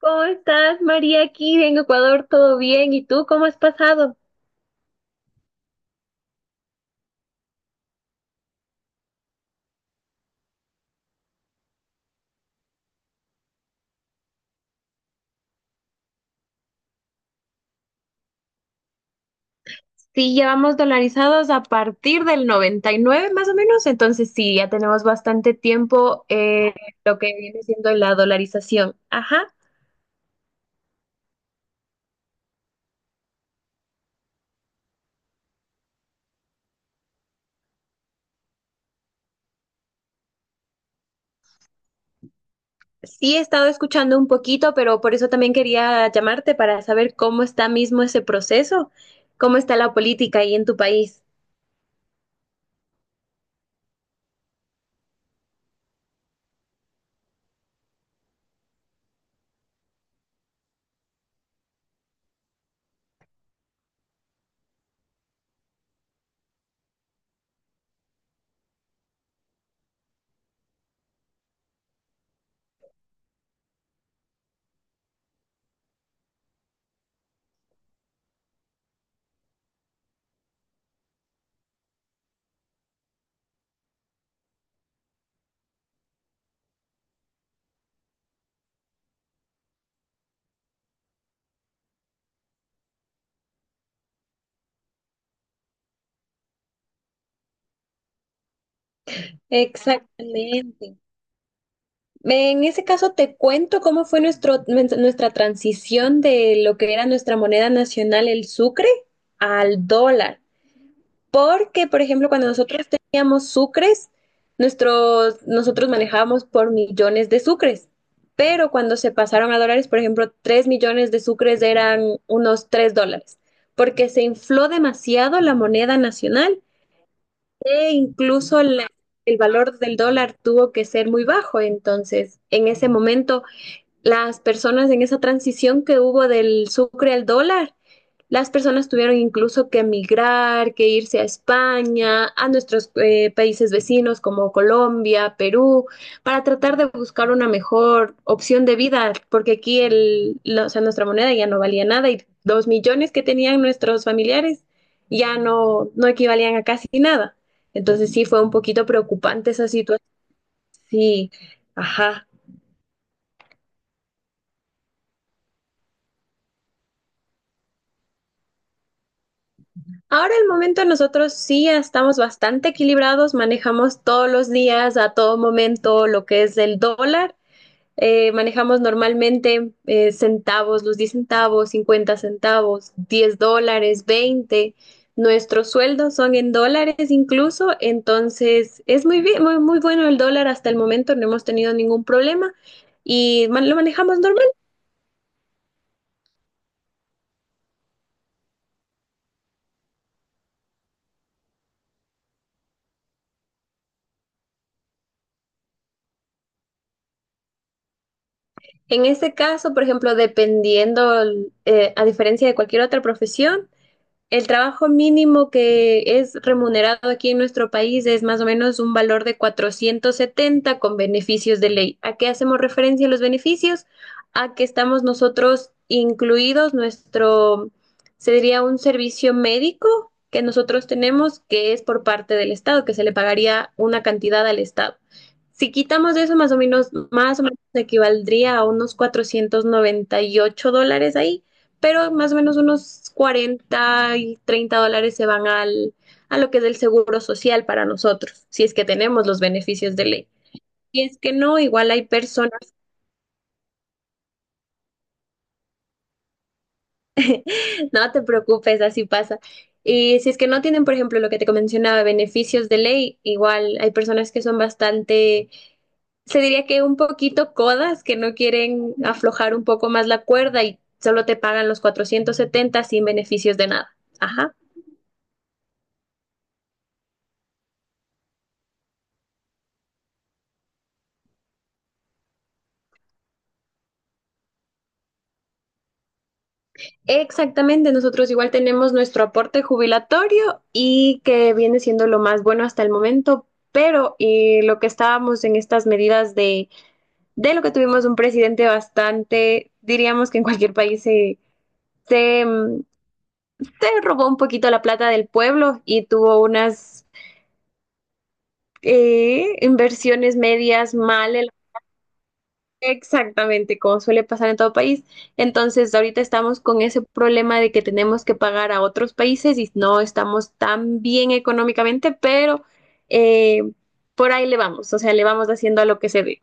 ¿Cómo estás, María? Aquí en Ecuador, ¿todo bien? ¿Y tú cómo has pasado? Sí, ya vamos dolarizados a partir del 99, más o menos, entonces sí, ya tenemos bastante tiempo lo que viene siendo la dolarización. Ajá, sí he estado escuchando un poquito, pero por eso también quería llamarte para saber cómo está mismo ese proceso, cómo está la política ahí en tu país. Exactamente. En ese caso, te cuento cómo fue nuestra transición de lo que era nuestra moneda nacional, el sucre, al dólar. Porque, por ejemplo, cuando nosotros teníamos sucres, nosotros manejábamos por millones de sucres. Pero cuando se pasaron a dólares, por ejemplo, 3 millones de sucres eran unos $3, porque se infló demasiado la moneda nacional e incluso la el valor del dólar tuvo que ser muy bajo. Entonces, en ese momento, las personas en esa transición que hubo del sucre al dólar, las personas tuvieron incluso que emigrar, que irse a España, a nuestros países vecinos como Colombia, Perú, para tratar de buscar una mejor opción de vida, porque aquí o sea, nuestra moneda ya no valía nada y 2 millones que tenían nuestros familiares ya no equivalían a casi nada. Entonces sí fue un poquito preocupante esa situación. Sí, ajá. Ahora el momento nosotros sí ya estamos bastante equilibrados, manejamos todos los días, a todo momento, lo que es el dólar. Manejamos normalmente centavos, los 10 centavos, 50 centavos, $10, 20. Nuestros sueldos son en dólares incluso, entonces es muy bien, muy, muy bueno el dólar hasta el momento, no hemos tenido ningún problema y lo manejamos normal. En ese caso, por ejemplo, dependiendo, a diferencia de cualquier otra profesión, el trabajo mínimo que es remunerado aquí en nuestro país es más o menos un valor de 470 con beneficios de ley. ¿A qué hacemos referencia los beneficios? A que estamos nosotros incluidos, se diría un servicio médico que nosotros tenemos que es por parte del Estado, que se le pagaría una cantidad al Estado. Si quitamos eso, más o menos equivaldría a unos $498 ahí, pero más o menos unos 40 y $30 se van a lo que es el seguro social para nosotros, si es que tenemos los beneficios de ley. Si es que no, igual hay personas, no te preocupes, así pasa. Y si es que no tienen, por ejemplo, lo que te mencionaba, beneficios de ley, igual hay personas que son bastante, se diría que un poquito codas, que no quieren aflojar un poco más la cuerda y solo te pagan los 470 sin beneficios de nada. Ajá. Exactamente, nosotros igual tenemos nuestro aporte jubilatorio y que viene siendo lo más bueno hasta el momento, pero lo que estábamos en estas medidas de lo que tuvimos un presidente bastante, diríamos que en cualquier país se, mm, se robó un poquito la plata del pueblo y tuvo unas inversiones medias mal. Exactamente, como suele pasar en todo país. Entonces, ahorita estamos con ese problema de que tenemos que pagar a otros países y no estamos tan bien económicamente, pero eh, por ahí le vamos, o sea, le vamos haciendo a lo que se dé.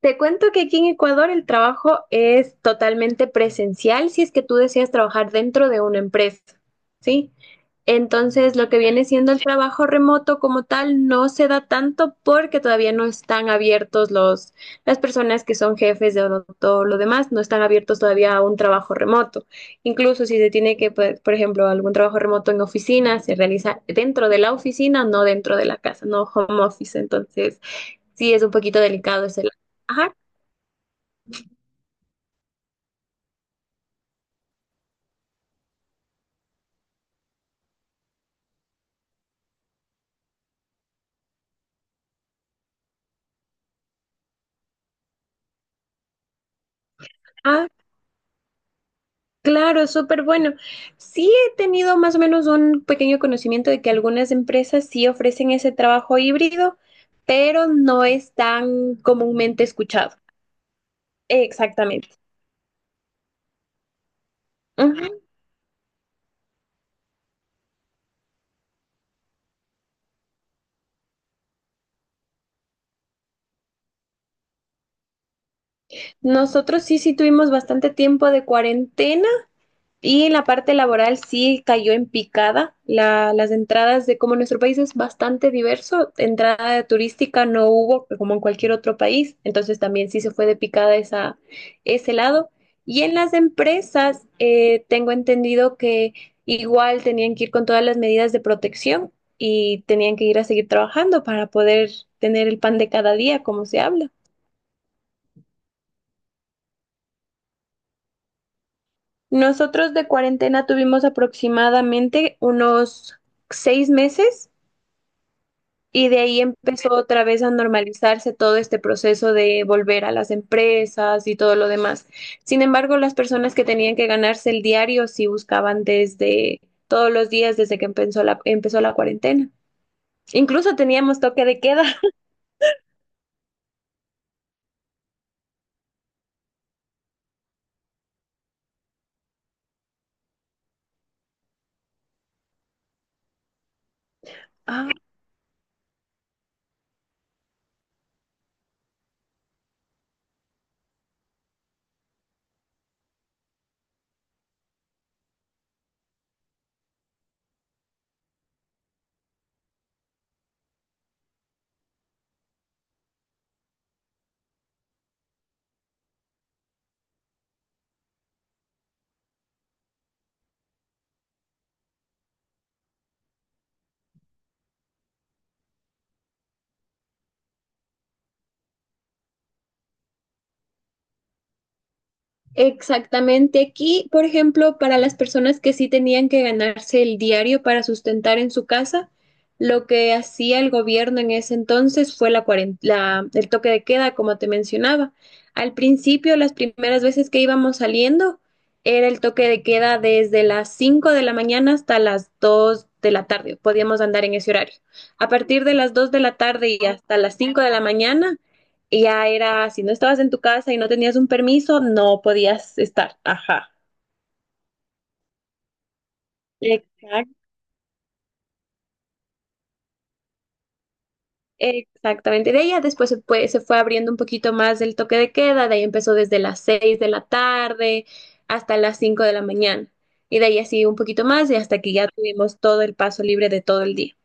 Te cuento que aquí en Ecuador el trabajo es totalmente presencial si es que tú deseas trabajar dentro de una empresa, ¿sí? Entonces, lo que viene siendo el trabajo remoto como tal no se da tanto porque todavía no están abiertos las personas que son jefes todo lo demás, no están abiertos todavía a un trabajo remoto. Incluso si se tiene que, por ejemplo, algún trabajo remoto en oficina, se realiza dentro de la oficina, no dentro de la casa, no home office. Entonces, sí es un poquito delicado ese lado. Ajá. Ah, claro, súper bueno. Sí he tenido más o menos un pequeño conocimiento de que algunas empresas sí ofrecen ese trabajo híbrido, pero no es tan comúnmente escuchado. Exactamente. Ujú. Nosotros sí, sí tuvimos bastante tiempo de cuarentena. Y en la parte laboral sí cayó en picada las entradas de como nuestro país es bastante diverso, entrada turística no hubo como en cualquier otro país, entonces también sí se fue de picada ese lado. Y en las empresas tengo entendido que igual tenían que ir con todas las medidas de protección y tenían que ir a seguir trabajando para poder tener el pan de cada día, como se habla. Nosotros de cuarentena tuvimos aproximadamente unos 6 meses. Y de ahí empezó otra vez a normalizarse todo este proceso de volver a las empresas y todo lo demás. Sin embargo, las personas que tenían que ganarse el diario sí buscaban desde todos los días desde que empezó la cuarentena. Incluso teníamos toque de queda. Ah, exactamente. Aquí, por ejemplo, para las personas que sí tenían que ganarse el diario para sustentar en su casa, lo que hacía el gobierno en ese entonces fue el toque de queda, como te mencionaba. Al principio, las primeras veces que íbamos saliendo, era el toque de queda desde las 5 de la mañana hasta las 2 de la tarde. Podíamos andar en ese horario. A partir de las 2 de la tarde y hasta las 5 de la mañana y ya era, si no estabas en tu casa y no tenías un permiso, no podías estar. Ajá. Exact- Exactamente. De ella después se fue abriendo un poquito más el toque de queda, de ahí empezó desde las 6 de la tarde hasta las 5 de la mañana. Y de ahí así un poquito más y hasta que ya tuvimos todo el paso libre de todo el día.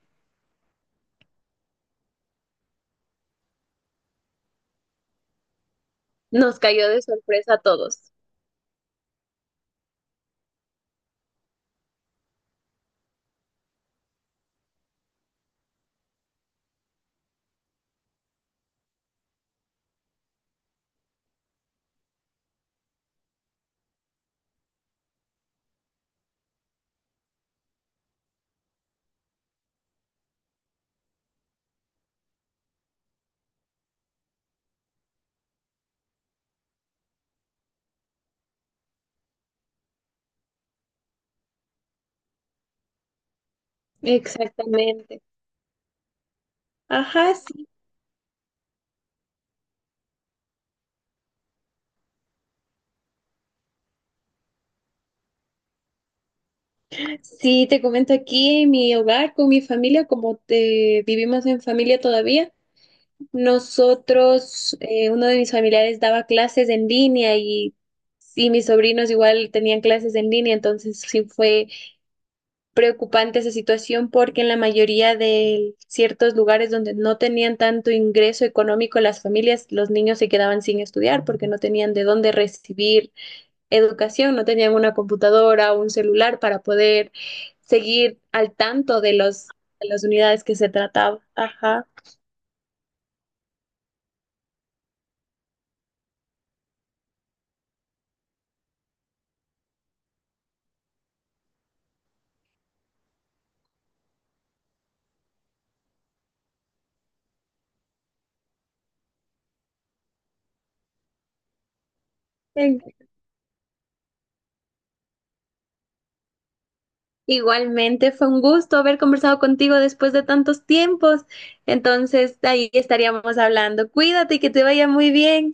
Nos cayó de sorpresa a todos. Exactamente. Ajá, sí. Sí, te comento aquí en mi hogar con mi familia, como te vivimos en familia todavía. Nosotros, uno de mis familiares daba clases en línea y mis sobrinos igual tenían clases en línea, entonces sí fue preocupante esa situación porque en la mayoría de ciertos lugares donde no tenían tanto ingreso económico las familias, los niños se quedaban sin estudiar porque no tenían de dónde recibir educación, no tenían una computadora o un celular para poder seguir al tanto de de las unidades que se trataba. Ajá. Igualmente, fue un gusto haber conversado contigo después de tantos tiempos. Entonces, ahí estaríamos hablando. Cuídate y que te vaya muy bien.